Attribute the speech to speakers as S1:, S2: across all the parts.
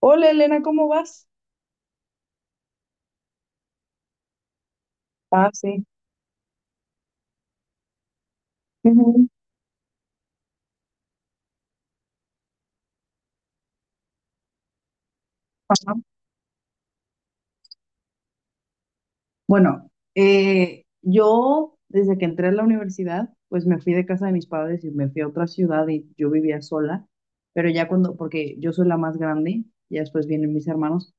S1: Hola Elena, ¿cómo vas? Ah, sí. Ujú. Ajá. Bueno, yo desde que entré a la universidad, pues me fui de casa de mis padres y me fui a otra ciudad y yo vivía sola, pero ya cuando, porque yo soy la más grande, ya después vienen mis hermanos,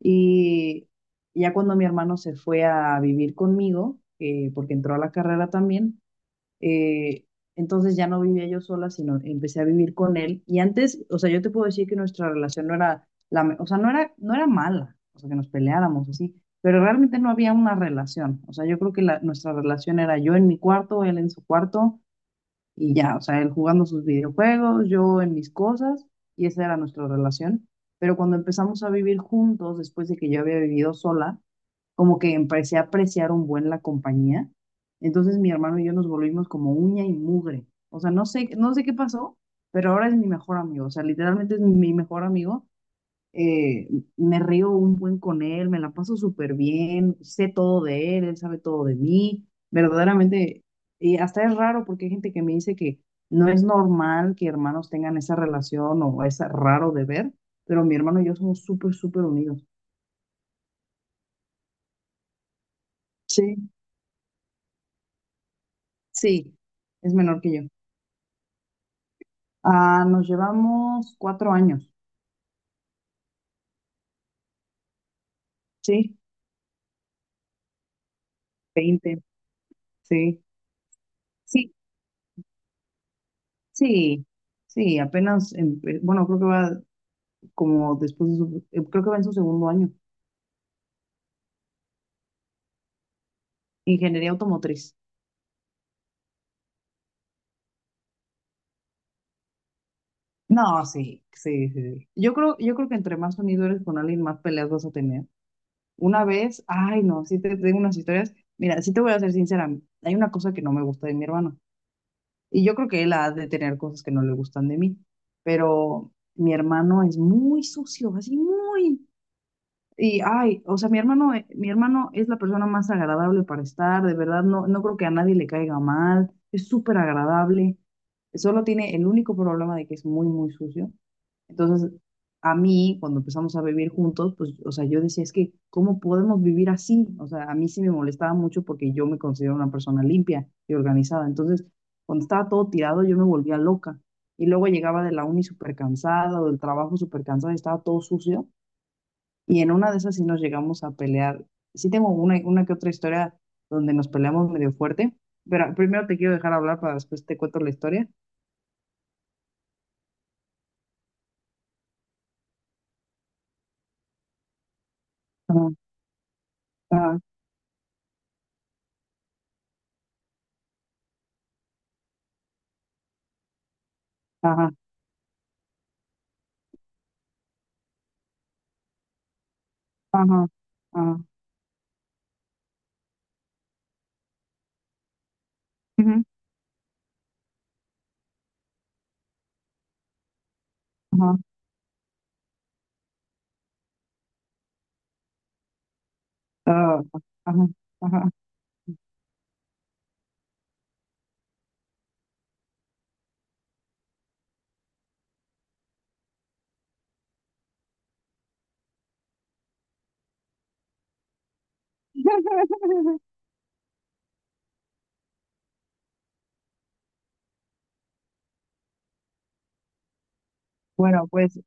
S1: y ya cuando mi hermano se fue a vivir conmigo, porque entró a la carrera también. Eh, entonces ya no vivía yo sola, sino empecé a vivir con él. Y antes, o sea, yo te puedo decir que nuestra relación no era, o sea, no era mala, o sea, que nos peleáramos así, pero realmente no había una relación. O sea, yo creo que nuestra relación era yo en mi cuarto, él en su cuarto, y ya, o sea, él jugando sus videojuegos, yo en mis cosas, y esa era nuestra relación. Pero cuando empezamos a vivir juntos, después de que yo había vivido sola, como que empecé a apreciar un buen la compañía. Entonces mi hermano y yo nos volvimos como uña y mugre. O sea, no sé qué pasó, pero ahora es mi mejor amigo. O sea, literalmente es mi mejor amigo. eh, Me río un buen con él, me la paso súper bien, sé todo de él, él sabe todo de mí, verdaderamente, y hasta es raro porque hay gente que me dice que no es normal que hermanos tengan esa relación o es raro de ver, pero mi hermano y yo somos súper, súper unidos. Sí, sí, es menor que yo. Ah, nos llevamos 4 años, sí, 20, sí, sí, sí, sí, apenas, bueno, creo que va como después de su, creo que va en su segundo año. Ingeniería automotriz. No, sí, sí, sí, sí. Yo creo que entre más unido eres con alguien, más peleas vas a tener. Una vez, ay, no, sí te tengo unas historias. Mira, sí te voy a ser sincera. Hay una cosa que no me gusta de mi hermano. Y yo creo que él ha de tener cosas que no le gustan de mí. Pero mi hermano es muy sucio, así muy. Y ay, o sea, mi hermano es la persona más agradable para estar, de verdad, no creo que a nadie le caiga mal, es súper agradable, solo tiene el único problema de que es muy, muy sucio. Entonces, a mí, cuando empezamos a vivir juntos, pues, o sea, yo decía, es que, ¿cómo podemos vivir así? O sea, a mí sí me molestaba mucho porque yo me considero una persona limpia y organizada. Entonces, cuando estaba todo tirado, yo me volvía loca. Y luego llegaba de la uni súper cansada o del trabajo súper cansada y estaba todo sucio. Y en una de esas sí nos llegamos a pelear. Sí tengo una que otra historia donde nos peleamos medio fuerte, pero primero te quiero dejar hablar para después te cuento la historia. Ajá, ajá, ajá, ajá, ajá, ujú, ajá, ah, ajá, ajá. Bueno, pues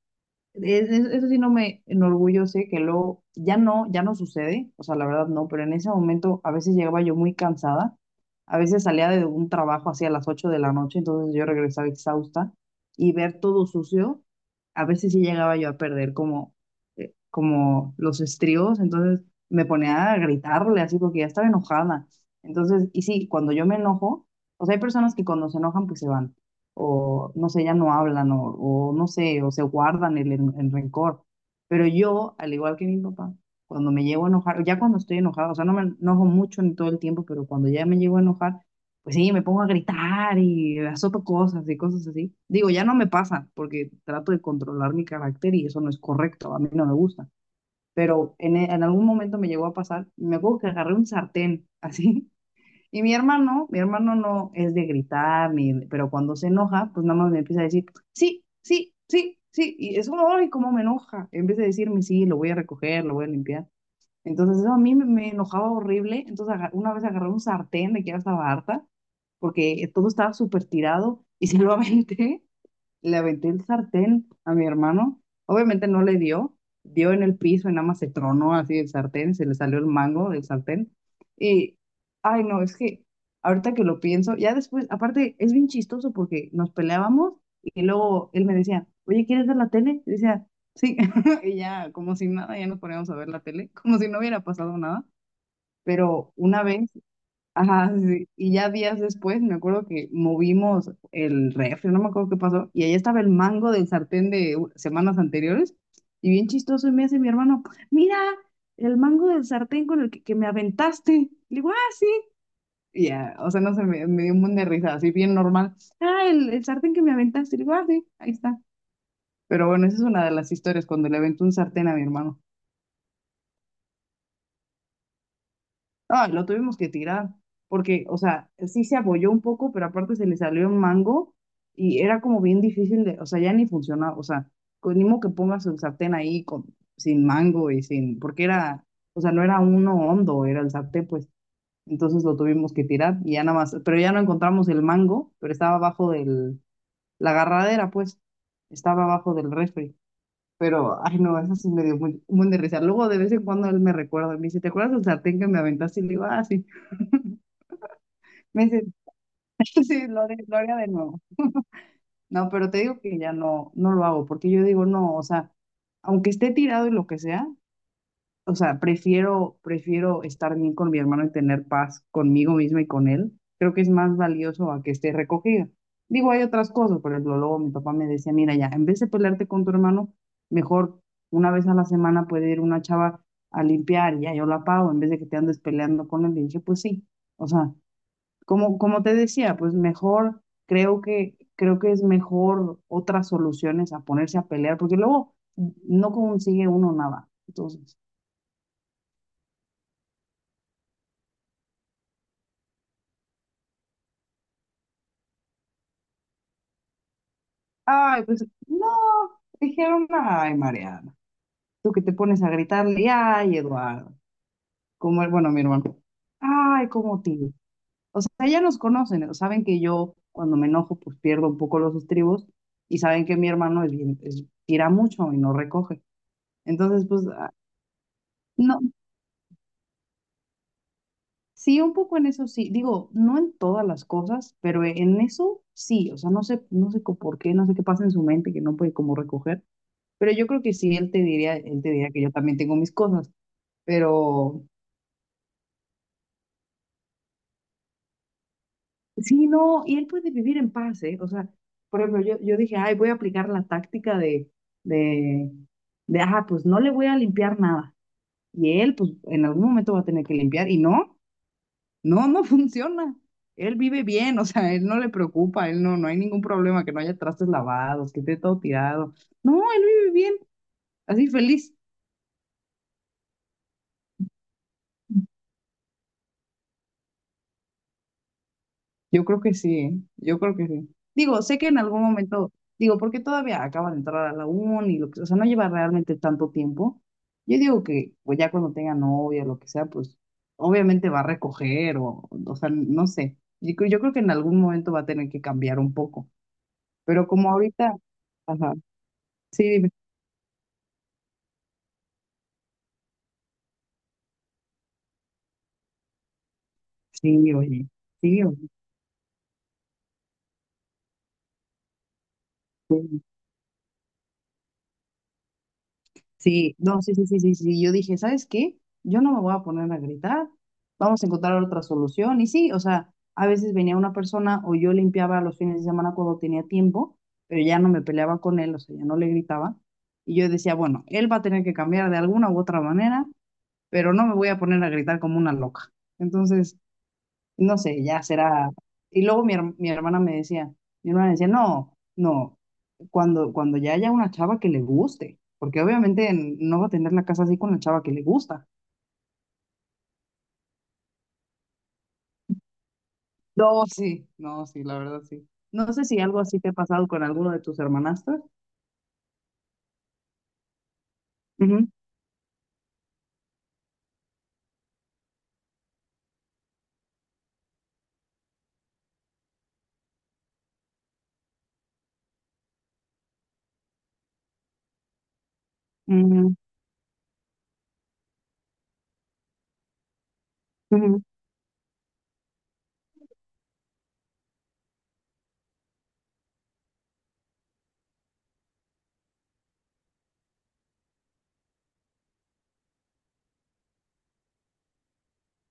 S1: Eso sí no me enorgullece, que luego ya no sucede, o sea, la verdad no, pero en ese momento a veces llegaba yo muy cansada, a veces salía de un trabajo hacia las 8 de la noche, entonces yo regresaba exhausta y ver todo sucio, a veces sí llegaba yo a perder como, como los estribos, entonces me ponía a gritarle así porque ya estaba enojada. Entonces, y sí, cuando yo me enojo, o sea, hay personas que cuando se enojan pues se van o no sé, ya no hablan, o no sé, o se guardan el rencor. Pero yo, al igual que mi papá, cuando me llego a enojar, ya cuando estoy enojada, o sea, no me enojo mucho ni todo el tiempo, pero cuando ya me llego a enojar, pues sí, me pongo a gritar y azoto cosas y cosas así. Digo, ya no me pasa, porque trato de controlar mi carácter y eso no es correcto, a mí no me gusta. Pero en algún momento me llegó a pasar, me acuerdo que agarré un sartén, así, y mi hermano no es de gritar, ni, de- pero cuando se enoja, pues nada más me empieza a decir, sí, sí, sí, sí. Y es como, ay, cómo me enoja. En vez de decirme, sí, lo voy a recoger, lo voy a limpiar. Entonces eso a mí me enojaba horrible. Entonces una vez agarré un sartén de que ya estaba harta, porque todo estaba súper tirado y se lo aventé. Le aventé el sartén a mi hermano. Obviamente no le dio, dio en el piso y nada más se tronó así el sartén, se le salió el mango del sartén. Y ay, no, es que ahorita que lo pienso, ya después, aparte es bien chistoso porque nos peleábamos y luego él me decía, oye, ¿quieres ver la tele? Y decía, sí, y ya, como si nada, ya nos poníamos a ver la tele, como si no hubiera pasado nada. Pero una vez... Ajá, sí, sí. Y ya días después me acuerdo que movimos el refri, no me acuerdo qué pasó, y ahí estaba el mango del sartén de semanas anteriores, y bien chistoso, y me dice mi hermano, mira, el mango del sartén con el que me aventaste. Le digo, ah, sí. Y ya, o sea, no sé, me dio un buen de risa, así bien normal. Ah, el sartén que me aventaste. Le digo, ah, sí, ahí está. Pero bueno, esa es una de las historias, cuando le aventó un sartén a mi hermano. Ah, lo tuvimos que tirar, porque, o sea, sí se apoyó un poco, pero aparte se le salió un mango y era como bien difícil de, o sea, ya ni funcionaba, o sea, ni modo que pongas el sartén ahí con, sin mango y sin, porque era, o sea, no era uno hondo, era el sartén, pues, entonces lo tuvimos que tirar y ya nada más, pero ya no encontramos el mango, pero estaba abajo del, la agarradera, pues, estaba abajo del refri. Pero ay, no, eso sí me dio muy, un buen de risa. Luego, de vez en cuando, él me recuerda, me dice, ¿te acuerdas del sartén que me aventaste? Y le digo, ah, sí. Me dice, sí, lo haría de nuevo. No, pero te digo que ya no, no lo hago, porque yo digo, no, o sea, aunque esté tirado y lo que sea, o sea, prefiero estar bien con mi hermano y tener paz conmigo misma y con él. Creo que es más valioso a que esté recogida. Digo, hay otras cosas, por ejemplo, luego mi papá me decía, mira, ya, en vez de pelearte con tu hermano, mejor una vez a la semana puede ir una chava a limpiar, y ya yo la pago, en vez de que te andes peleando con él. Y dije, pues sí, o sea. Como, como te decía, pues mejor, creo que, es mejor otras soluciones a ponerse a pelear, porque luego no consigue uno nada. Entonces, ay, pues no, dijeron, ay, Mariana, tú que te pones a gritarle, ay, Eduardo, como, bueno, mi hermano, ay, como tío. O sea, ya nos conocen, ¿no? Saben que yo cuando me enojo, pues pierdo un poco los estribos y saben que mi hermano es bien, tira mucho y no recoge. Entonces, pues, ah, no... Sí, un poco en eso sí. Digo, no en todas las cosas, pero en eso sí. O sea, no sé, por qué, no sé qué pasa en su mente que no puede como recoger. Pero yo creo que sí, él te diría que yo también tengo mis cosas. Pero sí, no, y él puede vivir en paz, ¿eh? O sea, por ejemplo, yo dije, ay, voy a aplicar la táctica de, de, ajá, pues no le voy a limpiar nada. Y él, pues en algún momento va a tener que limpiar. Y no. No, no funciona. Él vive bien, o sea, él no le preocupa, él no, no hay ningún problema que no haya trastes lavados, que esté todo tirado. No, él vive bien, así feliz. Yo creo que sí, ¿eh? Yo creo que sí. Digo, sé que en algún momento, digo, porque todavía acaba de entrar a la uni, lo que, o sea, no lleva realmente tanto tiempo. Yo digo que, pues ya cuando tenga novia, lo que sea, pues obviamente va a recoger o sea, no sé. Yo creo que en algún momento va a tener que cambiar un poco, pero como ahorita, ajá, sí, dime. Sí, oye, sí, oye, sí, sí, no, sí, sí, sí, sí, sí, yo dije, ¿sabes qué? Yo no me voy a poner a gritar, vamos a encontrar otra solución, y sí, o sea, a veces venía una persona o yo limpiaba los fines de semana cuando tenía tiempo, pero ya no me peleaba con él, o sea, ya no le gritaba, y yo decía, bueno, él va a tener que cambiar de alguna u otra manera, pero no me voy a poner a gritar como una loca, entonces, no sé, ya será. Y luego mi hermana me decía, mi hermana decía, no, no, cuando ya haya una chava que le guste, porque obviamente no va a tener la casa así con la chava que le gusta. No, sí, no, sí, la verdad sí. No sé si algo así te ha pasado con alguno de tus hermanastros. Ujú, ujú, ujú,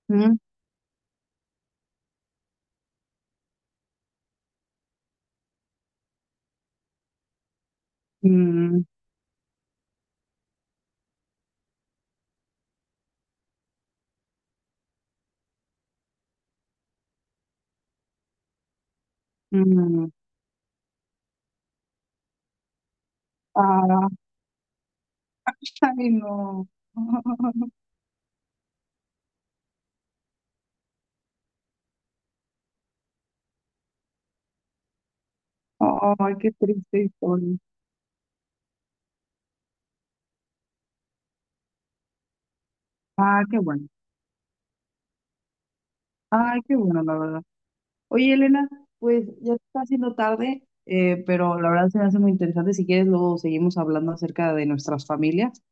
S1: ujú, mm, mm. Ah, ay, no. Ay, qué triste historia. Ah, qué bueno. Ay, qué bueno, la verdad. Oye, Elena, pues ya se está haciendo tarde, pero la verdad se me hace muy interesante. Si quieres, luego seguimos hablando acerca de nuestras familias.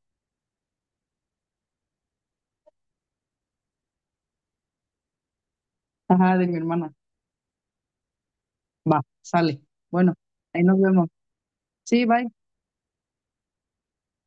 S1: Ajá, de mi hermana. Va, sale. Bueno, ahí nos vemos. Sí, bye.